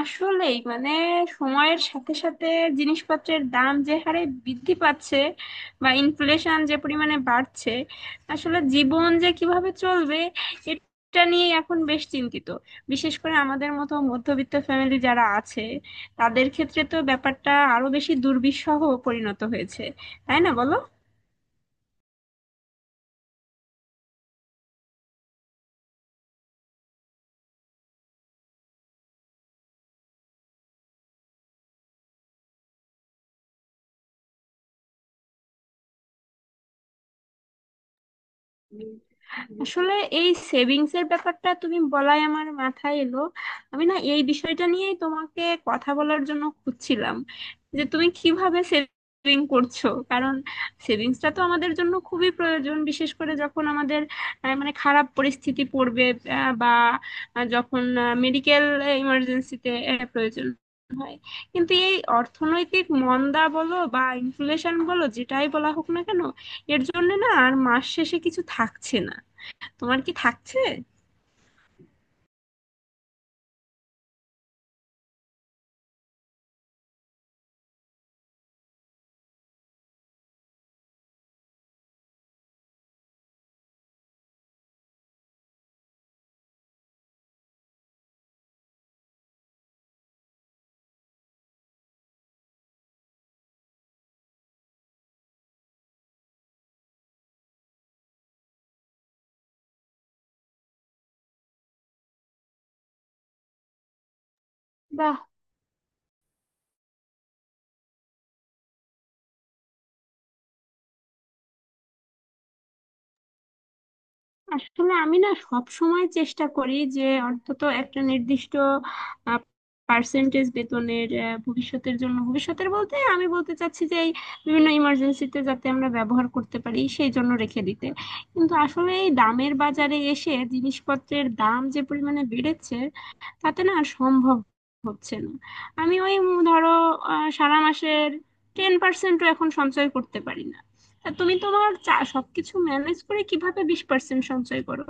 আসলেই মানে সময়ের সাথে সাথে জিনিসপত্রের দাম যে হারে বৃদ্ধি পাচ্ছে, বা ইনফ্লেশন যে পরিমাণে বাড়ছে, আসলে জীবন যে কিভাবে চলবে এটা নিয়ে এখন বেশ চিন্তিত। বিশেষ করে আমাদের মতো মধ্যবিত্ত ফ্যামিলি যারা আছে, তাদের ক্ষেত্রে তো ব্যাপারটা আরো বেশি দুর্বিষহ পরিণত হয়েছে, তাই না বলো। আসলে এই সেভিংস এর ব্যাপারটা তুমি বলাই আমার মাথায় এলো। আমি না এই বিষয়টা নিয়েই তোমাকে কথা বলার জন্য খুঁজছিলাম যে তুমি কিভাবে সেভিং করছো, কারণ সেভিংসটা তো আমাদের জন্য খুবই প্রয়োজন, বিশেষ করে যখন আমাদের মানে খারাপ পরিস্থিতি পড়বে, বা যখন মেডিকেল ইমার্জেন্সিতে প্রয়োজন হয়। কিন্তু এই অর্থনৈতিক মন্দা বলো বা ইনফ্লেশন বলো, যেটাই বলা হোক না কেন, এর জন্য না আর মাস শেষে কিছু থাকছে না। তোমার কি থাকছে? বাহ। আসলে আমি না সব সময় চেষ্টা করি যে অন্তত একটা নির্দিষ্ট পার্সেন্টেজ বেতনের ভবিষ্যতের জন্য, ভবিষ্যতের বলতে আমি বলতে চাচ্ছি যে এই বিভিন্ন ইমার্জেন্সিতে যাতে আমরা ব্যবহার করতে পারি সেই জন্য রেখে দিতে। কিন্তু আসলে এই দামের বাজারে এসে জিনিসপত্রের দাম যে পরিমাণে বেড়েছে, তাতে না আর সম্ভব হচ্ছে না। আমি ওই ধরো সারা মাসের 10%ও এখন সঞ্চয় করতে পারি না। তা তুমি তোমার সবকিছু ম্যানেজ করে কিভাবে 20% সঞ্চয় করো?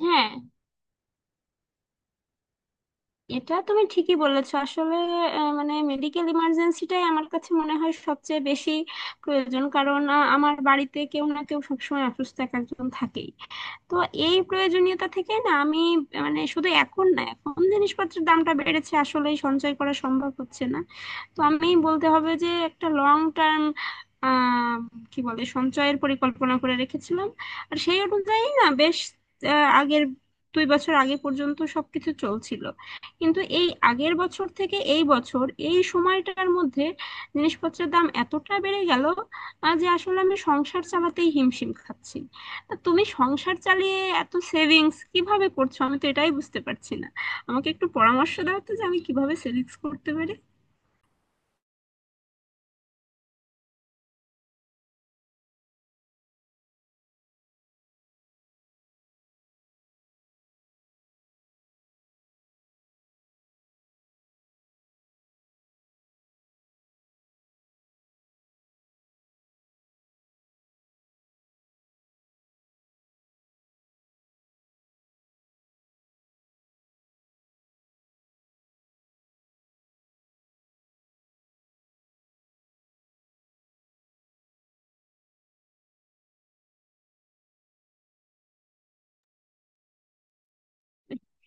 হ্যাঁ, এটা তুমি ঠিকই বলেছো। আসলে মানে মেডিকেল ইমার্জেন্সিটাই আমার কাছে মনে হয় সবচেয়ে বেশি প্রয়োজন, কারণ আমার বাড়িতে কেউ না কেউ সবসময় অসুস্থ, এক একজন থাকেই। তো এই প্রয়োজনীয়তা থেকে না আমি মানে শুধু এখন না, এখন জিনিসপত্রের দামটা বেড়েছে আসলে সঞ্চয় করা সম্ভব হচ্ছে না। তো আমি বলতে হবে যে একটা লং টার্ম আহ কি বলে সঞ্চয়ের পরিকল্পনা করে রেখেছিলাম। আর সেই অনুযায়ী না বেশ আগের 2 বছর আগে পর্যন্ত সবকিছু চলছিল। কিন্তু এই আগের বছর থেকে এই বছর এই সময়টার মধ্যে জিনিসপত্রের দাম এতটা বেড়ে গেল যে আসলে আমি সংসার চালাতেই হিমশিম খাচ্ছি। তা তুমি সংসার চালিয়ে এত সেভিংস কিভাবে করছো, আমি তো এটাই বুঝতে পারছি না। আমাকে একটু পরামর্শ দাও তো যে আমি কিভাবে সেভিংস করতে পারি।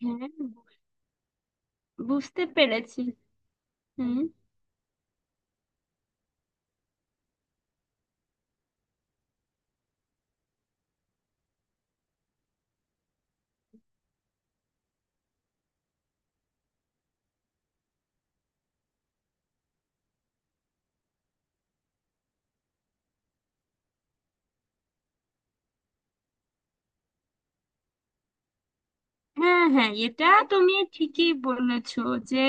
হ্যাঁ, বুঝতে পেরেছি। হুম। হ্যাঁ, হ্যাঁ, এটা তুমি ঠিকই বলেছো যে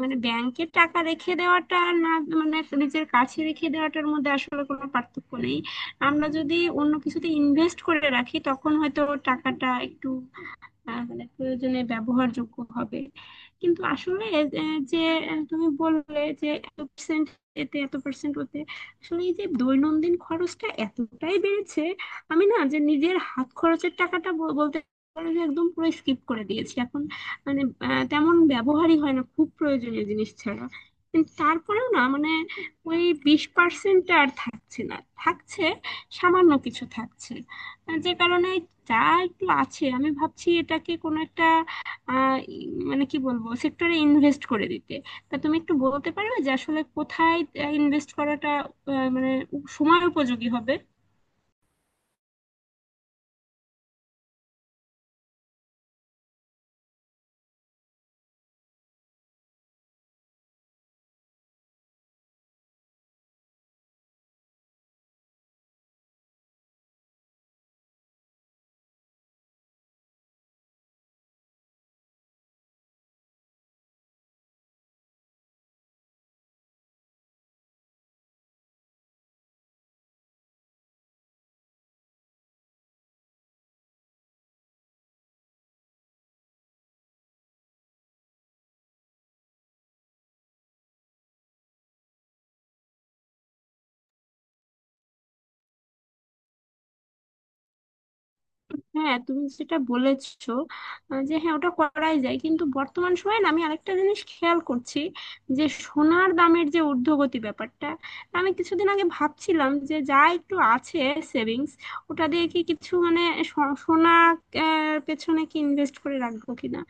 মানে ব্যাংকে টাকা রেখে দেওয়াটা আর না মানে নিজের কাছে রেখে দেওয়াটার মধ্যে আসলে কোনো পার্থক্য নেই। আমরা যদি অন্য কিছুতে ইনভেস্ট করে রাখি, তখন হয়তো টাকাটা একটু মানে প্রয়োজনে ব্যবহারযোগ্য হবে। কিন্তু আসলে আহ, যে তুমি বললে যে এত percent, এতে এত পার্সেন্ট ওতে, আসলে এই যে দৈনন্দিন খরচটা এতটাই বেড়েছে, আমি না যে নিজের হাত খরচের টাকাটা বলতে পারো যে একদম পুরো স্কিপ করে দিয়েছি এখন। মানে তেমন ব্যবহারই হয় না, খুব প্রয়োজনীয় জিনিস ছাড়া। কিন্তু তারপরেও না মানে ওই 20% আর থাকছে না, থাকছে সামান্য কিছু থাকছে। যে কারণে, যা একটু আছে আমি ভাবছি এটাকে কোনো একটা মানে কি বলবো সেক্টরে ইনভেস্ট করে দিতে। তা তুমি একটু বলতে পারবে যে আসলে কোথায় ইনভেস্ট করাটা মানে সময় উপযোগী হবে? হ্যাঁ, তুমি যেটা বলেছো যে হ্যাঁ, ওটা করাই যায়, কিন্তু বর্তমান সময়ে না আমি আরেকটা জিনিস খেয়াল করছি যে সোনার দামের যে ঊর্ধ্বগতি ব্যাপারটা। আমি কিছুদিন আগে ভাবছিলাম যে যা একটু আছে সেভিংস ওটা দিয়ে কি কিছু মানে সোনা পেছনে কি ইনভেস্ট করে রাখবো কিনা।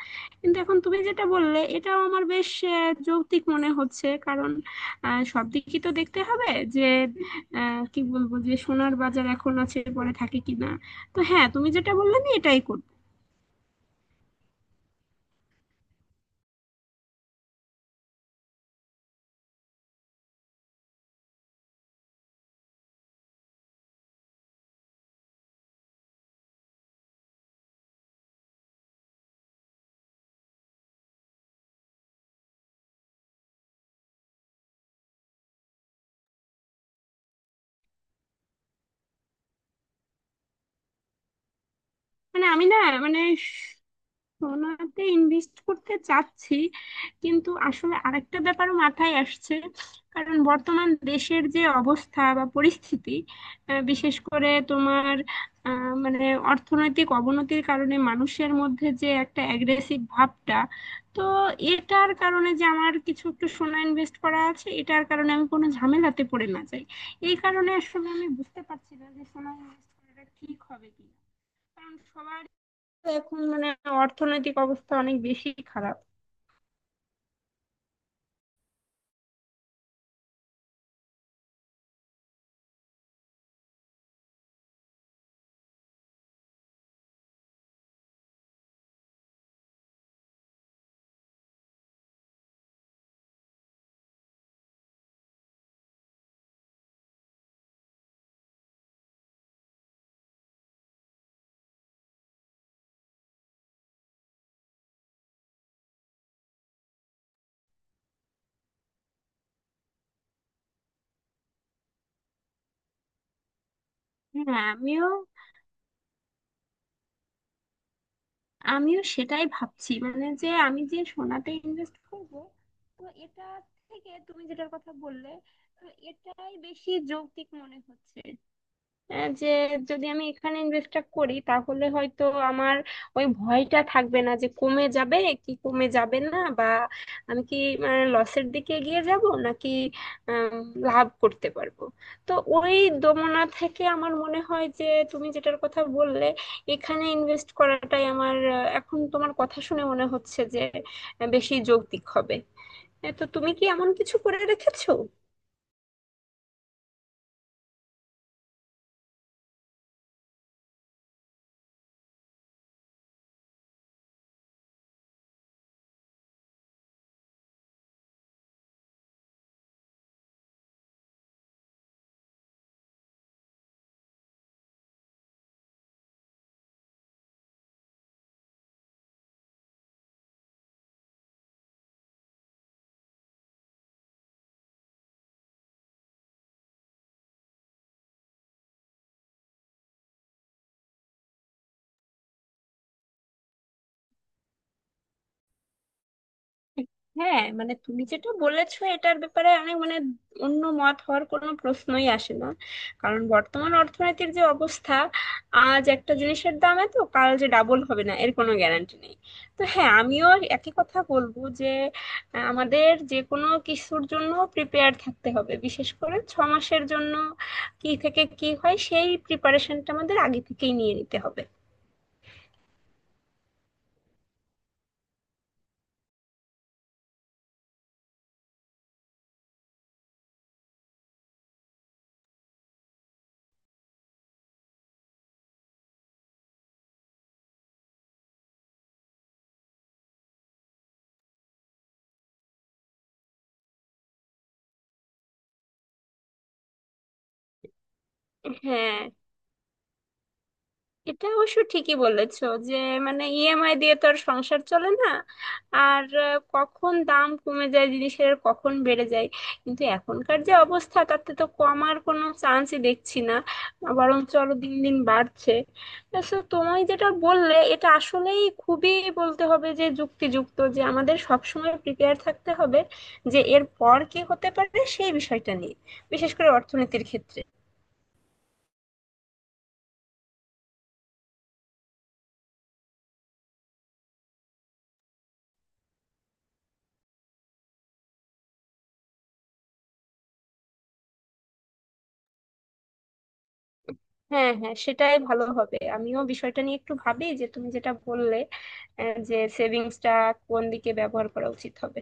কিন্তু এখন তুমি যেটা বললে এটাও আমার বেশ যৌক্তিক মনে হচ্ছে, কারণ সব দিকই তো দেখতে হবে যে কি বলবো যে সোনার বাজার এখন আছে পরে থাকে কিনা। তো হ্যাঁ, তুমি যেটা বললে আমি এটাই করবো। মানে আমি না মানে সোনাতে ইনভেস্ট করতে চাচ্ছি, কিন্তু আসলে আরেকটা ব্যাপারও মাথায় আসছে। কারণ বর্তমান দেশের যে অবস্থা বা পরিস্থিতি, বিশেষ করে তোমার মানে অর্থনৈতিক অবনতির কারণে মানুষের মধ্যে যে একটা অ্যাগ্রেসিভ ভাবটা, তো এটার কারণে যে আমার কিছু একটু সোনা ইনভেস্ট করা আছে এটার কারণে আমি কোনো ঝামেলাতে পড়ে না যাই, এই কারণে আসলে আমি বুঝতে পারছি না যে সোনা ইনভেস্ট করাটা ঠিক হবে কিনা। কারণ সবার এখন মানে অর্থনৈতিক অবস্থা অনেক বেশি খারাপ। হ্যাঁ, আমিও, আমিও সেটাই ভাবছি মানে যে আমি যে সোনাতে ইনভেস্ট করব, তো এটা থেকে তুমি যেটার কথা বললে, তো এটাই বেশি যৌক্তিক মনে হচ্ছে। যে যদি আমি এখানে ইনভেস্টটা করি তাহলে হয়তো আমার ওই ভয়টা থাকবে না যে কমে যাবে কি কমে যাবে না, বা আমি কি লসের দিকে এগিয়ে যাব নাকি আম, লাভ করতে পারবো। তো ওই দোমনা থেকে আমার মনে হয় যে তুমি যেটার কথা বললে, এখানে ইনভেস্ট করাটাই আমার এখন তোমার কথা শুনে মনে হচ্ছে যে বেশি যৌক্তিক হবে। তো তুমি কি এমন কিছু করে রেখেছো? হ্যাঁ, মানে তুমি যেটা বলেছো এটার ব্যাপারে অনেক মানে অন্য মত হওয়ার কোনো প্রশ্নই আসে না। কারণ বর্তমান অর্থনীতির যে অবস্থা, আজ একটা জিনিসের দাম এত কাল যে ডাবল হবে না এর কোনো গ্যারান্টি নেই। তো হ্যাঁ, আমিও একই কথা বলবো যে আমাদের যে কোনো কিছুর জন্য প্রিপেয়ার থাকতে হবে, বিশেষ করে 6 মাসের জন্য কি থেকে কি হয় সেই প্রিপারেশনটা আমাদের আগে থেকেই নিয়ে নিতে হবে। হ্যাঁ, এটা অবশ্য ঠিকই বলেছো যে মানে ইএমআই দিয়ে তো আর সংসার চলে না। আর কখন দাম কমে যায় জিনিসের, কখন বেড়ে যায়, কিন্তু এখনকার যে অবস্থা তাতে তো কমার কোনো চান্সই দেখছি না, বরঞ্চ আরো দিন দিন বাড়ছে। তো তুমি যেটা বললে এটা আসলেই খুবই বলতে হবে যে যুক্তিযুক্ত, যে আমাদের সবসময় প্রিপেয়ার থাকতে হবে যে এর পর কি হতে পারে সেই বিষয়টা নিয়ে, বিশেষ করে অর্থনীতির ক্ষেত্রে। হ্যাঁ, হ্যাঁ, সেটাই ভালো হবে, আমিও বিষয়টা নিয়ে একটু ভাবি যে তুমি যেটা বললে যে সেভিংসটা কোন দিকে ব্যবহার করা উচিত হবে।